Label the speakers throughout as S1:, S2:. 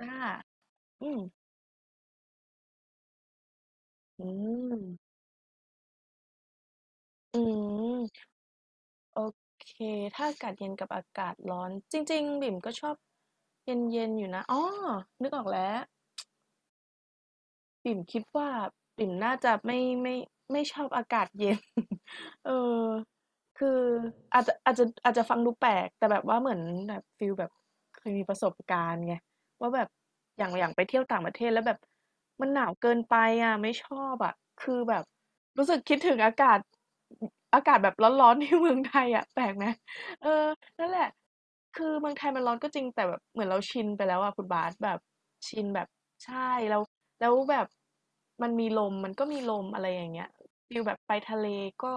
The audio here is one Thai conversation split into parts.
S1: อาอืม อืม อืม โอเค ถ้าอากาศเย็นกับอากาศร้อน จริงๆบิ่มก็ชอบเย็นๆอยู่นะ อ๋อ นึกออกแล้ว ปิ่มคิดว่าปิ่มน่าจะไม่ไม่ชอบอากาศเย็น เออคืออาจจะฟังดูแปลกแต่แบบว่าเหมือนแบบฟิลแบบเคยมีประสบการณ์ไงว่าแบบอย่างไปเที่ยวต่างประเทศแล้วแบบมันหนาวเกินไปอ่ะไม่ชอบอ่ะคือแบบรู้สึกคิดถึงอากาศแบบร้อนๆ ที่เมืองไทยอ่ะแปลกไหมเออนั่นแหละคือเมืองไทยมันร้อนก็จริงแต่แบบเหมือนเราชินไปแล้วอ่ะคุณบาสแบบชินแบบใช่เรา แล้วแบบมันมีลมมันก็มีลมอะไรอย่างเงี้ยฟิลแบบไปทะเลก็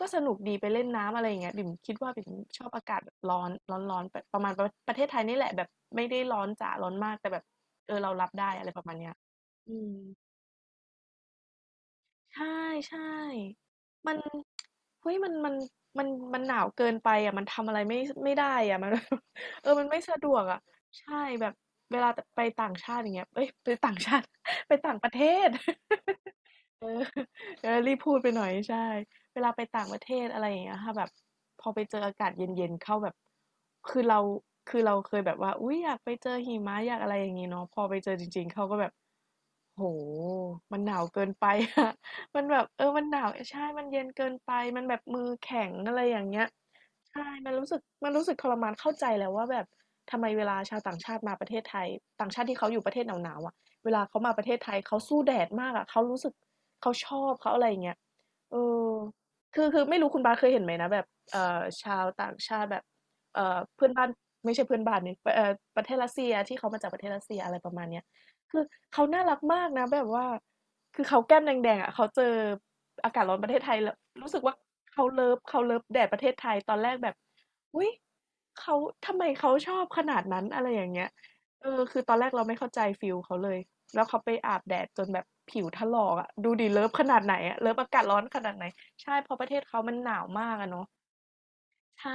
S1: ก็สนุกดีไปเล่นน้ำอะไรอย่างเงี้ยบิ่มคิดว่าบิ่มชอบอากาศแบบร้อนร้อนร้อนแบบประมาณประเทศไทยนี่แหละแบบไม่ได้ร้อนจ๋าร้อนมากแต่แบบเออเรารับได้อะไรประมาณเนี้ยอืม ใช่ใช่มันเฮ้ยมันมันมันหนาวเกินไปอ่ะมันทำอะไรไม่ได้อ่ะมัน เออมันไม่สะดวกอ่ะใช่แบบเวลาไปต่างชาติอย่างเงี้ยเอ้ยไปต่างชาติ ไปต่างประเทศ เออเออรีบพูดไปหน่อยใช่เวลาไปต่างประเทศอะไรอย่างเงี้ยค่ะแบบพอไปเจออากาศเย็นๆเข้าแบบคือเราคือเราเคยแบบว่าอุ้ยอยากไปเจอหิมะอยากอะไรอย่างงี้เนาะพอไปเจอจริงๆเขาก็แบบ โหมันหนาวเกินไปอะ มันแบบเออมันหนาวใช่มันเย็นเกินไปมันแบบมือแข็งอะไรอย่างเงี้ยใช่มันรู้สึกทรมานเข้าใจแล้วว่าแบบทำไมเวลาชาวต่างชาติมาประเทศไทยต่างชาติที่เขาอยู่ประเทศหนาวๆอะเวลาเขามาประเทศไทยเขาสู้แดดมากอะเขารู้สึกเขาชอบเขาอะไรอย่างเงี้ยเออคือไม่รู้คุณบาสเคยเห็นไหมนะแบบชาวต่างชาติแบบเพื่อนบ้านไม่ใช่เพื่อนบ้านนี่ประเทศรัสเซียที่เขามาจากประเทศรัสเซียอะไรประมาณเนี้ย คือเขาน่ารักมากนะแบบว่าคือเขาแก้มแดงๆอะเขาเจออากาศร้อนประเทศไทยแล้วรู้สึกว่าเขาเลิฟแดดประเทศไทยตอนแรกแบบอุ๊ยเขาทำไมเขาชอบขนาดนั้นอะไรอย่างเงี้ยเออคือตอนแรกเราไม่เข้าใจฟีลเขาเลย แล้วเขาไปอาบแดดจนแบบผิวถลอกอะดูดิเลิฟขนาดไหนอะเลิฟอากาศร้อนขนาดไหนใช่เพราะประเทศเขามันหนาวมากอะเนาะใช่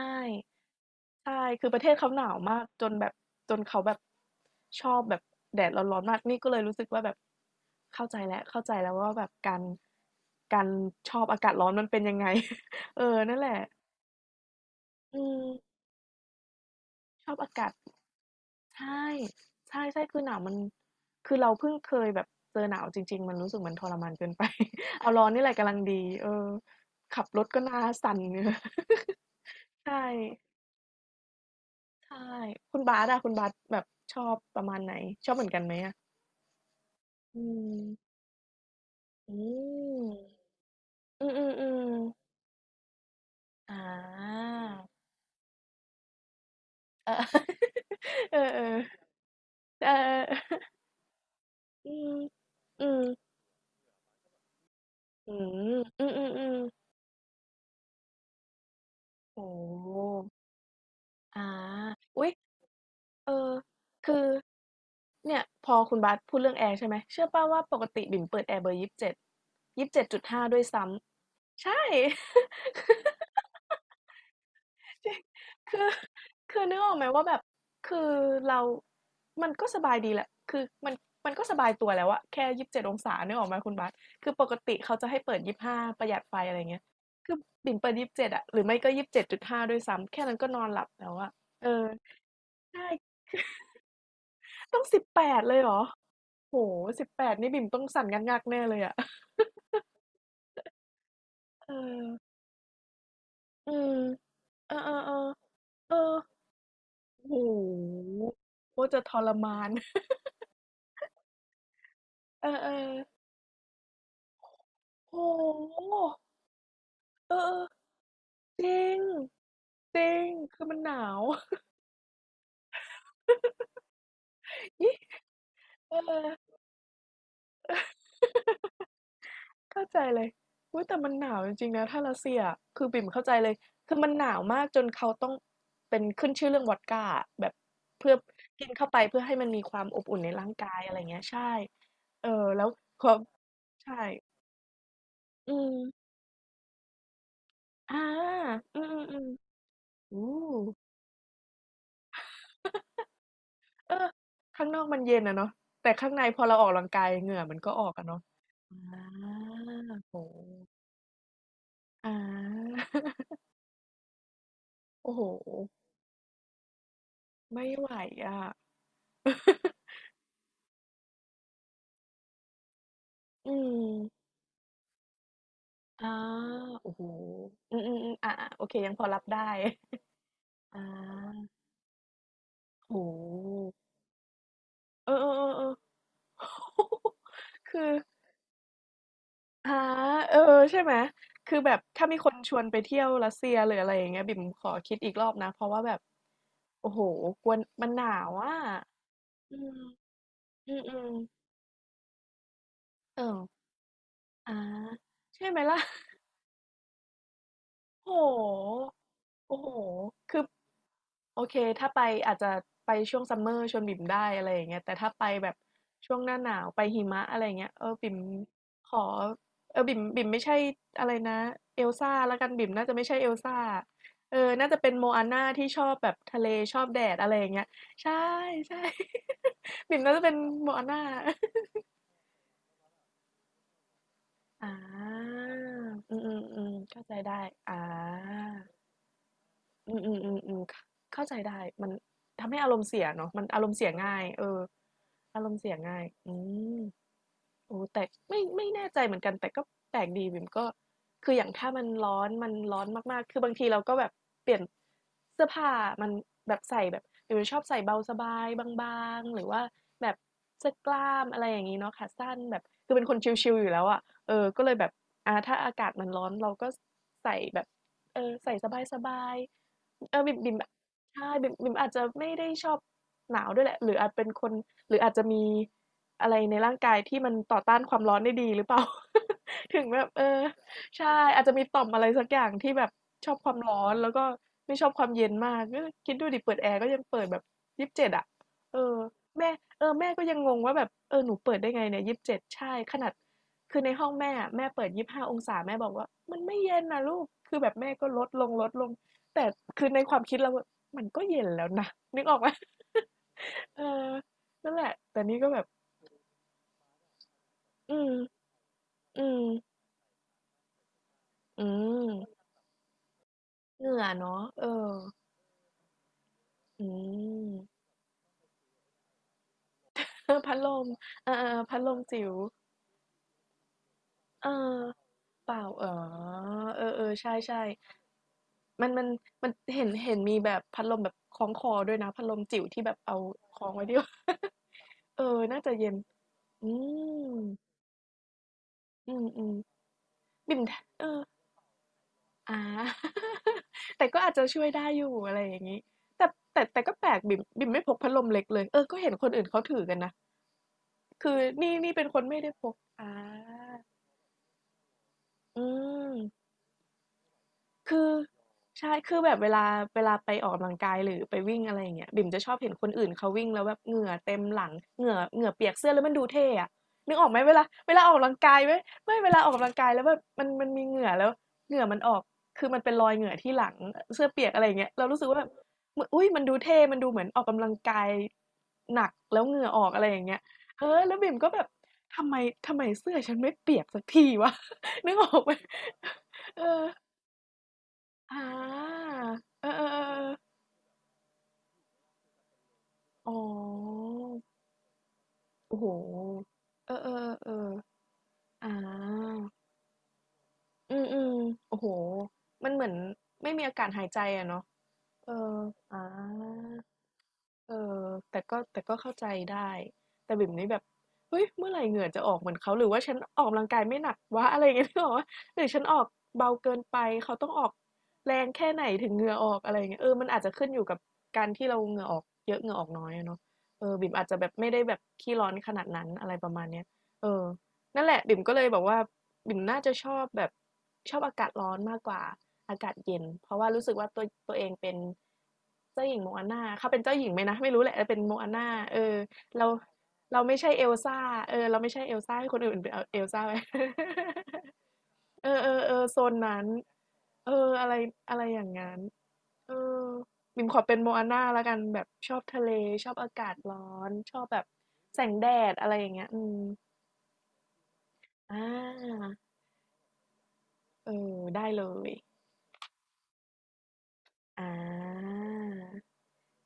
S1: ใช่ คือประเทศเขาหนาวมากจนแบบจนเขาแบบชอบแบบแดดร้อนๆมากนี่ก็เลยรู้สึกว่าแบบเข้าใจแล้วว่าแบบการชอบอากาศร้อนมันเป็นยังไง เออนั่นแหละอืมชอบอากาศใช่ใช่คือหนาวมันคือเราเพิ่งเคยแบบเจอหนาวจริงๆมันรู้สึกมันทรมานเกินไป เอาร้อนนี่แหละกำลังดีเออขับรถก็หน้าสั่น เนื้อ ใช่ใช่คุณบาสอะคุณบาสแบบชอบประมาณไหนชอบเหมือนกันไหมอะ อืมอืมอืมอืมๆๆอาอ เออๆเออๆอืมอืมอืมอืมๆๆโอ้โฮอาอุ๊ยเออคือเนี่ยพอคุณบาสพูดเรื่องแอร์ใช่ไหมเชื่อเปล่าว่าปกติบิ่มเปิดแอร์เบอร์27ห้5ด้วยซ้ำใช่ จริงคือคือนึกออกไหมว่าแบบคือเรามันก็สบายดีแหละคือมันมันก็สบายตัวแล้วอะแค่27 องศานึกออกไหมคุณบาสคือปกติเขาจะให้เปิด25ประหยัดไฟอะไรเงี้ยคือบิ่มเปิดยี่สิบเจ็ดอะหรือไม่ก็27.5ด้วยซ้ำแค่นั้นก็นอนหลับแล้วอะเออใช่ต้องสิบแปดเลยเหรอโหสิบแปดนี่บิ่มต้องสั่นงักงแน่เลยอะเออืมเออเออเออโอ้โหโคตรจะทรมาน เออเออ โอ้โฮเออจริงจริงคือมันหนาว นี่เออเข้าใจเลยอุ๊ยแต่มันหนาวจริงๆนะถ้ารัสเซียคือบิ่มเข้าใจเลยคือมันหนาวมากจนเขาต้องเป็นขึ้นชื่อเรื่องวอดก้าอะแบบเพื่อกินเข้าไปเพื่อให้มันมีความอบอุ่นในร่างกายอะไรเงี้ยใช่เออแล้วพอใช่อืมอาอืมอมอืโอ้ เออข้างนอกมันเย็นอะเนาะแต่ข้างในพอเราออกกำลังกายเหงื่อมันก็ออกอะเนาะอาโอ้โฮอา โอ้โฮไม่ไหวอะ อืมอาโอ้โฮอืมๆๆอาๆโอเคยังพอรับได้ อาโอ้โฮเออๆๆๆ คือ อาเออ ใช่ไหม คือแบบ ถ้ามีคนชวนไปเที่ยวรัสเซียหรืออะไรอย่างเงี้ยบิ่มขอคิดอีกรอบนะ เพราะว่าแบบ โอ้โหกลัวนมันหนาวอ่ะ อืมอืมๆเอออาใช่ไหมล่ะ โอ้โหโอ้โหคือ โอเคถ้าไปอาจจะไปช่วงซัมเมอร์ชวนบิ่มได้อะไรอย่างเงี้ยแต่ถ้าไปแบบช่วงหน้าหนาวไปหิมะอะไรอย่างเงี้ยเออบิ่มขอเออบิ่มบิ่มไม่ใช่อะไรนะเอลซ่าแล้วกันบิ่มน่าจะไม่ใช่เอลซ่าเออน่าจะเป็นโมอาน่าที่ชอบแบบทะเลชอบแดดอะไรอย่างเงี้ยใช่ใช่ บิ่มน่าจะเป็นโมอาน่าอ่าอืมอืมอืมเข้าใจได้อ่า อืมอืมอืมอืมเข้าเข้าใจได้มันทำให้อารมณ์เสียเนาะมันอารมณ์เสียง่ายเอออารมณ์เสียง่ายอืม โอ้แต่ไม่ไม่แน่ใจเหมือนกันแต่ก็แปลกดีบิ่มก็คืออย่างถ้ามันร้อนมันร้อนมากๆคือบางทีเราก็แบบเปลี่ยนเสื้อผ้ามันแบบใส่แบบบิ่มชอบใส่เบาสบายบางๆหรือว่าแบบเสื้อกล้ามอะไรอย่างนี้เนาะขาสั้นแบบคือเป็นคนชิลๆอยู่แล้วอ่ะเออก็เลยแบบอ่าถ้าอากาศมันร้อนเราก็ใส่แบบเออใส่สบายๆเออบิ่มบิ่มใช่บิ่มบิ่มอาจจะไม่ได้ชอบหนาวด้วยแหละหรืออาจเป็นคนหรืออาจจะมี อะไรในร่างกายที่มันต่อต้านความร้อนได้ดีหรือเปล่า ถึงแบบเออใช่อาจจะมีต่อมอะไรสักอย่างที่แบบชอบความร้อนแล้วก็ไม่ชอบความเย็นมากก็คิดดูดิเปิดแอร์ก็ยังเปิดแบบยี่สิบเจ็ดอ่ะเออแม่เออแม่ก็ยังงงว่าแบบเออหนูเปิดได้ไงเนี่ยยี่สิบเจ็ดใช่ขนาดคือในห้องแม่อะแม่เปิด25 องศาแม่บอกว่ามันไม่เย็นนะลูกคือแบบแม่ก็ลดลงลดลงแต่คือในความคิดเราอะมันก็เย็นแล้วนะนึกออกไหม เออนั่นแหละแต่นี่ก็แบบ อืมอืมอืมเหงื่อเนาะเอออืมเออพัดลมเออๆๆพัดลมจิ๋วเออเปล่าอ๋อเออๆใช่ๆมันมันเห็นเห็นมีแบบพัดลมแบบคล้องคอด้วยนะพัดลมจิ๋วที่แบบเอาคล้องไว้ที่ เออน่าจะเย็น อืม อืมๆบิ่มทเออ อา แต่ก็อาจจะช่วยได้อยู่อะไรอย่างนี้ แต่แต่ก็แปลกบิ่มบิ่มไม่พกพัดลมเล็กเลย เออ ก็เห็นคนอื่นเขาถือกันนะ คือนี่นี่เป็นคนไม่ได้พกอาอืม คือใช่คือแบบเวลาเวลาไปออกกำลังกายหรือไปวิ่งอะไรอย่างเงี้ยบิ่มจะชอบเห็นคนอื่นเขาวิ่งแล้วแบบเหงื่อเต็มหลังเหงื่อเหงื่อเปียกเสื้อแล้วมันดูเท่อะนึกออกไหมเวลาเวลาออกกำลังกายไหมไม่เวลาออกกำลังกายแล้วแบบมันมีเหงื่อแล้วเหงื่อมันออกคือมันเป็นรอยเหงื่อที่หลังเสื้อเปียกอะไรอย่างเงี้ยเรารู้สึกว่าแบบอุ้ยมันดูเท่มันดูเหมือนออกกำลังกายหนักแล้วเหงื่อออกอะไรอย่างเงี้ยเออแล้วบิ่มก็แบบทำไมทำไมเสื้อฉันไม่เปียกสักทีวะ นึกออกไหมเออ อาเออๆๆๆอ๋อโอ้โฮเออๆๆๆอาอืมๆโอ้โฮมันเหมือนไม่มีอากาศหายใจอะเนาะเอออา เออแต่ก็แต่ก็เข้าใจได้แต่บิ่มนี่แบบเฮ้ยเมื่อไหร่เหงื่อจะออกเหมือนเขาหรือว่าฉันออกกำลังกายไม่หนักวะ อะไรอย่างเงี้ยนึกออกเปล่าหรือฉันออกเบาเกินไปเขาต้องออกแรงแค่ไหนถึงเหงื่อออกอะไรอย่างเงี้ยเออมันอาจจะขึ้นอยู่กับการที่เราเหงื่อออกเยอะเหงื่อออกน้อยอะเนาะเออบิ่มอาจจะแบบไม่ได้แบบขี้ร้อนขนาดนั้นอะไรประมาณเนี้ยเออนั่นแหละบิ่มก็เลยแบบว่าบิ่มน่าจะชอบแบบ ชอบอากาศร้อนมากกว่าอากาศเย็นเพราะว่ารู้สึกว่าตัวตัวเองเป็นเจ้าหญิงโมอานาเขาเป็นเจ้าหญิงไหมนะไม่รู้แหละแตเป็นโมอานาเออเราเราไม่ใช่เอลซ่าเออเราไม่ใช่เอลซ่าให้คนอื่นเป็นเอลซ่าไป เออเออเออโซนนั้นเอออะไรอะไรอย่างนั้นเออบิมขอเป็นโมอาน่าแล้วกันแบบชอบทะเลชอบอากาศร้อนชอบแบบแสงแดดอะไรอย่างเงี้ยอืมอ่าเออได้เลยอ่า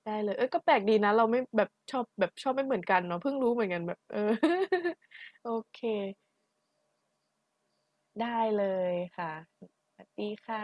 S1: ได้เลย เอ้ยก็แปลกดีนะเราไม่แบบชอบแบบชอบไม่เหมือนกันเนาะเพิ่งรู้เหมือนกันแบบเออ โอเคได้เลยค่ะสวัสดีค่ะ